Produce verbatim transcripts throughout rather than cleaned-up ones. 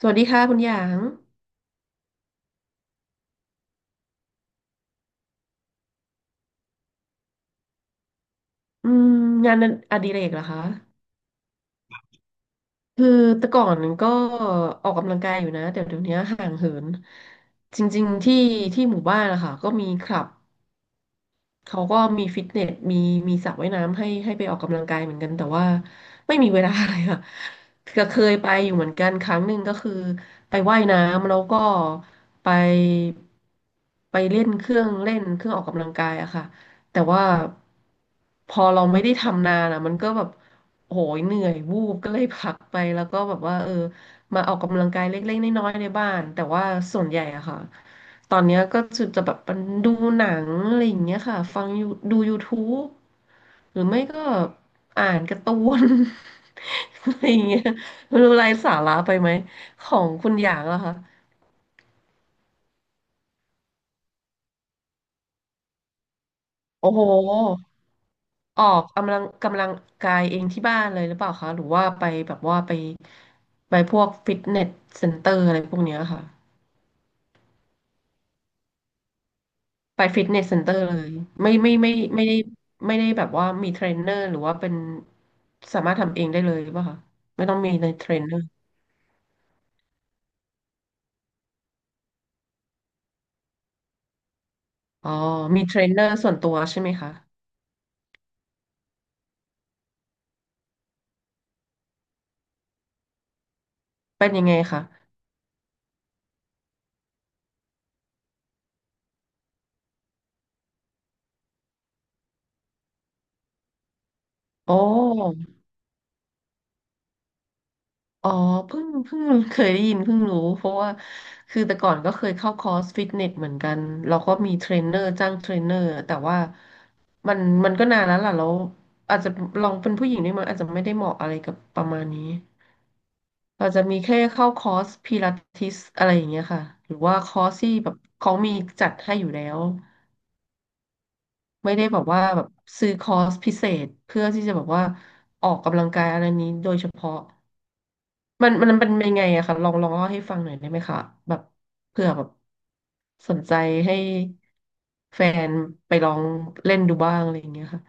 สวัสดีค่ะคุณหยางอืมงานอดิเรกเหรอคะคือแต่ก่อนก็ออกกำลังกายอยู่นะแต่เดี๋ยวนี้ห่างเหินจริงๆที่ที่หมู่บ้านนะคะก็มีคลับ เขาก็มีฟิตเนสมีมีสระว่ายน้ำให้ให้ไปออกกำลังกายเหมือนกันแต่ว่าไม่มีเวลาเลยค่ะ ก็เคยไปอยู่เหมือนกันครั้งหนึ่งก็คือไปว่ายน้ำแล้วก็ไปไปเล่นเครื่องเล่นเครื่องออกกำลังกายอะค่ะแต่ว่าพอเราไม่ได้ทำนานอะมันก็แบบโหยเหนื่อยวูบก็เลยพักไปแล้วก็แบบว่าเออมาออกกำลังกายเล็กๆน้อยๆในบ้านแต่ว่าส่วนใหญ่อะค่ะ ตอนเนี้ยก็จะจะแบบมันดูหนังอะไรอย่างเงี้ยค่ะฟังยูดู YouTube หรือไม่ก็อ่านการ์ตูน อะไรอย่างเงี้ยไม่รู้ไร้สาระไปไหมของคุณอย่างเหรอคะโอ้โหออกกำลังกำลังกายเองที่บ้านเลยหรือเปล่าคะหรือว่าไปแบบว่าไปไปพวกฟิตเนสเซ็นเตอร์อะไรพวกเนี้ยค่ะ ไปฟิตเนสเซ็นเตอร์เลยไม่ไม่ไม่ไม่ได้ไม่ได้แบบว่ามีเทรนเนอร์หรือว่าเป็นสามารถทำเองได้เลยหรือเปล่าคะไม่ต้องมีในเทรนเนอร์อ๋อมีเทรนเนอร์ส่วนตัวใช่ไหมคะเป็นยังไงคะโอ้อ๋อเพิ่งเพิ่งเคยได้ยินเพิ่งรู้เพราะว่าคือแต่ก่อนก็เคยเข้าคอร์สฟิตเนสเหมือนกันเราก็มีเทรนเนอร์จ้างเทรนเนอร์แต่ว่ามันมันก็นานแล้วล่ะแล้วอาจจะลองเป็นผู้หญิงด้วยมั้งอาจจะไม่ได้เหมาะอะไรกับประมาณนี้ เราจะมีแค่เข้าคอร์สพิลาทิสอะไรอย่างเงี้ยค่ะหรือว่าคอร์สที่แบบเขามีจัดให้อยู่แล้วไม่ได้แบบว่าแบบซื้อคอร์สพิเศษเพื่อที่จะแบบว่าออกกำลังกายอะไรนี้โดยเฉพาะมันมันเป็นยังไงอะคะลองลองเล่าให้ฟังหน่อยได้ไหมคะแบบเผื่อแบบสนใจให้แฟนไปลองเล่นดูบ้างอะไรอย่างเงี้ยค่ะ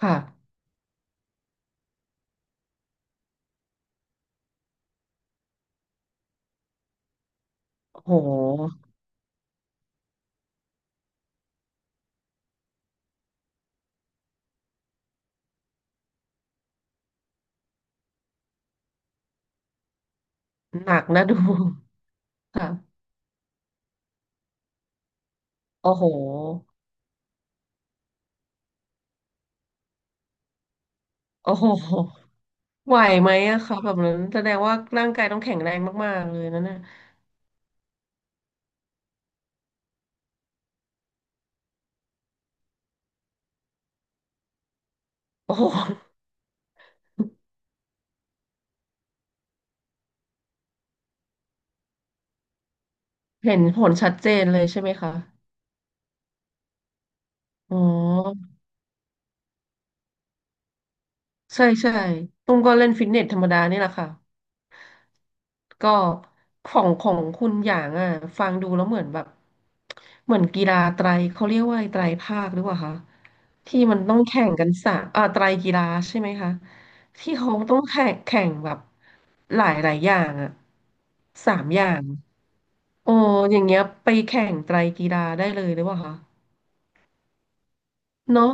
ค่ะโอ้โหหนักนะดูค่ะโอ้โหโอ้โห ไหวไหมอะคะแบบนั้นแสดงว่าร่างกายต้องแข็งแรงมากๆเลยนั่นน่ะโอ้โหเห็นผลชัดเจนเลยใช่ไหมคะอ๋อใช่ใช่ตุ้มก็เล่นฟิตเนสธรรมดานี่แหละค่ะก็ของของคุณอย่างอ่ะฟังดูแล้วเหมือนแบบเหมือนกีฬาไตรเขาเรียกว่าไตรภาคหรือเปล่าคะที่มันต้องแข่งกันสามอ่าไตรกีฬาใช่ไหมคะที่เขาต้องแข่งแข่งแบบหลายหลายอย่างอ่ะสามอย่าง โอ้อย่างเงี้ยไปแข่งไตรกีฬาได้เลยหรือเปล่าคะเนาะ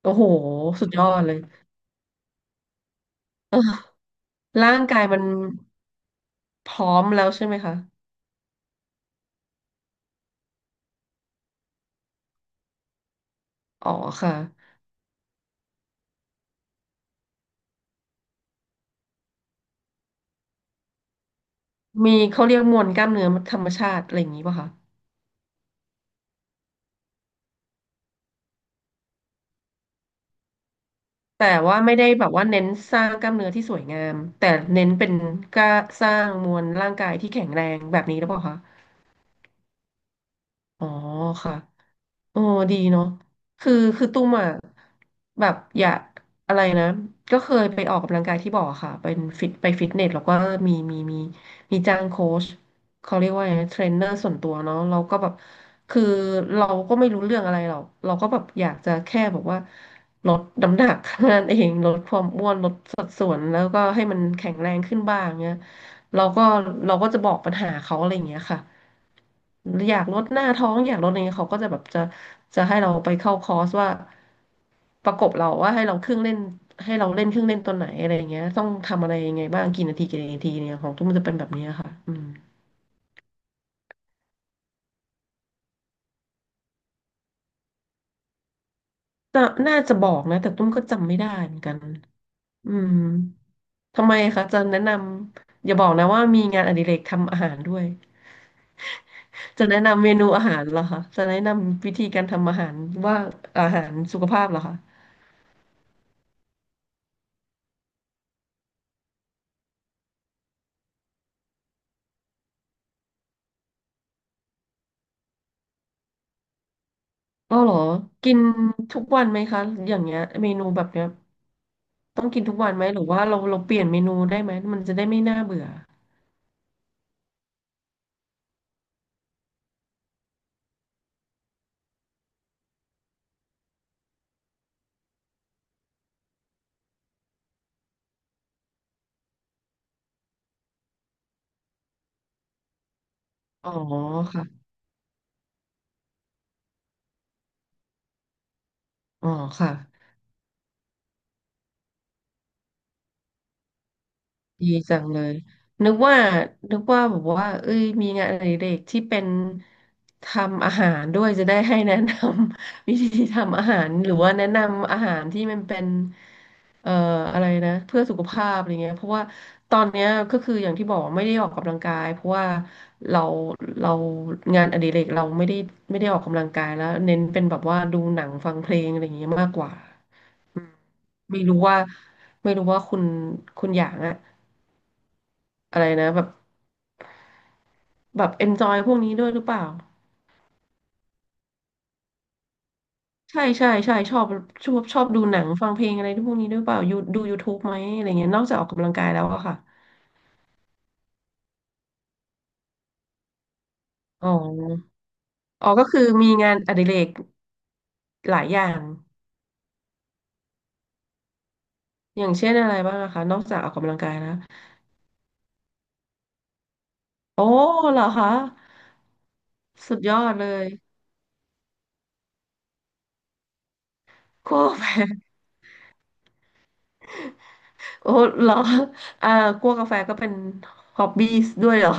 โอ้โหสุดยอดเลยเออร่างกายมันพร้อมแล้วใช่ไหมคะอ๋อค่ะมีเขาเรียกมวลกล้ามเนื้อธรรมชาติอะไรอย่างนี้ป่ะคะแต่ว่าไม่ได้แบบว่าเน้นสร้างกล้ามเนื้อที่สวยงามแต่เน้นเป็นกล้าสร้างมวลร่างกายที่แข็งแรงแบบนี้หรือเปล่าคะอ๋อค่ะ โอ้ดีเนาะคือคือตุ้มอ่ะแบบอยากอะไรนะก็เคยไปออกกำลังกายที่บอกอะค่ะเป็นฟิตไปฟิตเนสแล้วก็มีมีมีมีจ้างโค้ชเขาเรียกว่าไงเทรนเนอร์ส่วนตัวเนาะเราก็แบบคือเราก็ไม่รู้เรื่องอะไรหรอกเราก็แบบอยากจะแค่แบบว่าลดน้ำหนัก นั่นเองลดความอ้วนลดสัดส่วนแล้วก็ให้มันแข็งแรงขึ้นบ้างเงี้ยเราก็เราก็จะบอกปัญหาเขาอะไรอย่างเงี้ยค่ะ อยากลดหน้าท้องอยากลดอะไรเงี้ยเขาก็จะแบบจะจะให้เราไปเข้าคอร์สว่าประกบเราว่าให้เราเครื่องเล่นให้เราเล่นเครื่องเล่นตัวไหนอะไรอย่างเงี้ยต้องทำอะไรยังไงบ้างกี่นาทีกี่นาทีเนี่ยของตุ้มจะเป็นแบบเนี้ยค่ะอืมน่าน่าจะบอกนะแต่ตุ้มก็จำไม่ได้เหมือนกันอืมทำไมคะจะแนะนำอย่าบอกนะว่ามีงานอดิเรกทำอาหารด้วยจะแนะนำเมนูอาหารเหรอคะจะแนะนำวิธีการทำอาหารว่าอาหารสุขภาพเหรอคะ อ๋อเหรอ กินทุกวันไหมคะ อย่างเงี้ยเมนูแบบเนี้ยต้องกินทุกวันไหม หรือว่าเราเราเปลี่ยนเมนูได้ไหม มันจะได้ไม่น่าเบื่อ อ๋อค่ะ อ๋อค่ะ ดีจังเลยนึกว่านึกว่าแบบว่าเอ้ยมีงานอดิเรกที่เป็นทำอาหารด้วยจะได้ให้แนะนำ วิธีทำอาหารหรือว่าแนะนำอาหารที่มันเป็นเอ่ออะไรนะเพื่อสุขภาพอะไรเงี้ยเพราะว่าตอนเนี้ยก็คืออย่างที่บอกไม่ได้ออกกำลังกายเพราะว่าเราเรางานอดิเรกเราไม่ได้ไม่ได้ออกกำลังกายแล้วเน้นเป็นแบบว่าดูหนังฟังเพลงอะไรเงี้ยมากกว่าไม่รู้ว่าไม่รู้ว่าคุณคุณอย่างอะ อะไรนะแบบแบบเอนจอยพวกนี้ด้วยหรือเปล่าใช่ใช่ใช่ชอบชอบชอบดูหนังฟังเพลงอะไรพวกนี้ด้วยเปล่ายูดู YouTube ไหมอะไรเงี้ยนอกจากออกกำลังกายแล้วอะค่ะอ๋ออ๋อก็คือมีงานอดิเรกหลายอย่างอย่างเช่นอะไรบ้างอะคะนอกจากออกกำลังกายแล้วโอ้เหรอคะสุดยอดเลยคั่วกาแฟ โอ้เหรออ่าคั่วกาแฟก็เป็นฮอบบี้ด้วยเหรอ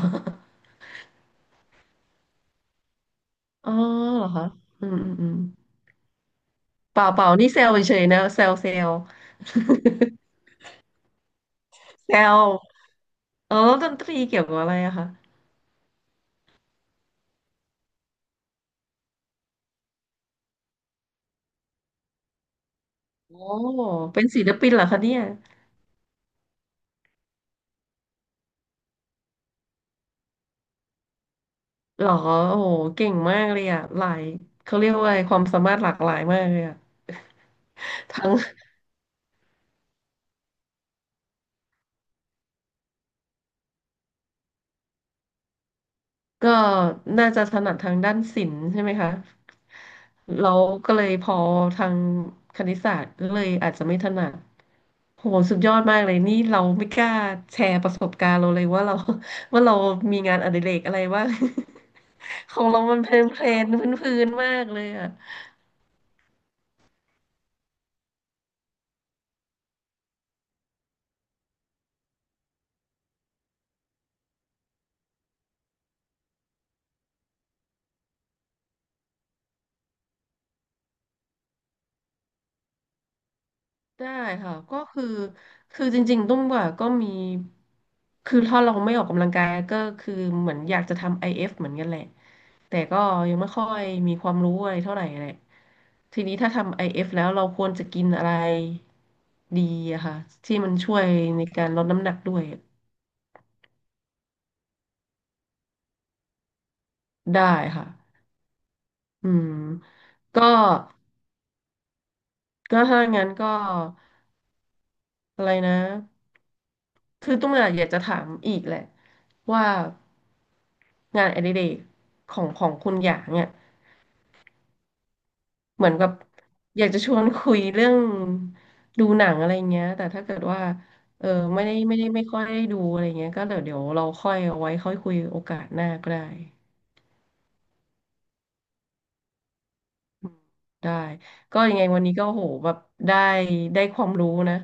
อ๋อเหรอคะอืมอืมอืมเปล่าเปล่านี่เซลเฉยๆนะเซลเซล แซวเออแล้วดนตรีเกี่ยวกับอะไรอะคะโอ้เป็นศิลปินเหรอคะเนี่ยหรอโอ้โหเก่งมากเลยอะหลายเขาเรียกว่าอะไรความสามารถหลากหลายมากเลยอะทั้งก็น่าจะถนัดทางด้านศิลป์ใช่ไหมคะเราก็เลยพอทางคณิตศาสตร์ก็เลยอาจจะไม่ถนัดโหสุดยอดมากเลยนี่เราไม่กล้าแชร์ประสบการณ์เราเลยว่าเรา ว่าเรามีงานอดิเรกอะไรบ้าง ของเรามันเพลนๆพื้นๆมากเลยอะ ได้ค่ะก็คือคือจริงๆตุ้มว่าก็มีคือถ้าเราไม่ออกกำลังกายก็คือเหมือนอยากจะทำ ไอ เอฟ เอฟเหมือนกันแหละแต่ก็ยังไม่ค่อยมีความรู้อะไรเท่าไหร่แหละทีนี้ถ้าทำ ไอ เอฟ แล้วเราควรจะกินอะไรดีอะค่ะที่มันช่วยในการลดน้ำหนักด้วยได้ค่ะอืมก็ก็ถ้างั้นก็ อะไรนะ คือตุ้มอะอยากจะถามอีกแหละว่างานอดิเรกของของคุณหยางเนี่ยเหมือนกับอยากจะชวนคุยเรื่องดูหนังอะไรเงี้ยแต่ถ้าเกิดว่าเออไม่ได้ไม่ได้ไม่ค่อยได้ดูอะไรเงี้ยก็เดี๋ยวเดี๋ยวเราค่อยเอาไว้ค่อยคุยโอกาสหน้าก็ได้อืมได้ก็ยังไงวันนี้ก็โหแบบได้ได้ความรู้นะ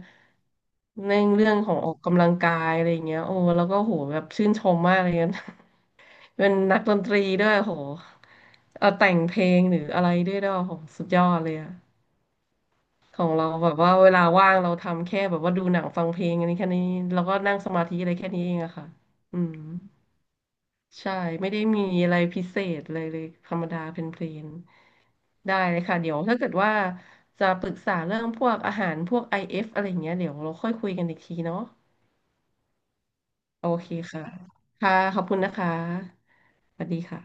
ในเรื่องของออกกำลังกายอะไรเงี้ยโอ้แล้วก็โหแบบชื่นชมมากเลยนะ เป็นนักดนตรีด้วยโหเอาแต่งเพลงหรืออะไรด้วยด้วยโหสุดยอดเลยอะของเราแบบว่าเวลาว่างเราทำแค่แบบว่าดูหนังฟังเพลงอันนี้แค่นี้แล้วก็นั่งสมาธิอะไรแค่นี้เองอะค่ะอืมใช่ไม่ได้มีอะไรพิเศษเลยเลยธรรมดาเพลนๆได้เลยค่ะเดี๋ยวถ้าเกิดว่าจะปรึกษาเรื่องพวกอาหารพวก ไอ เอฟ อเอฟอะไรอย่างเงี้ยเดี๋ยวเราค่อยคุยกันอีกทีเนาะโอเคค่ะค่ะขอบคุณนะคะสวัสดีค่ะ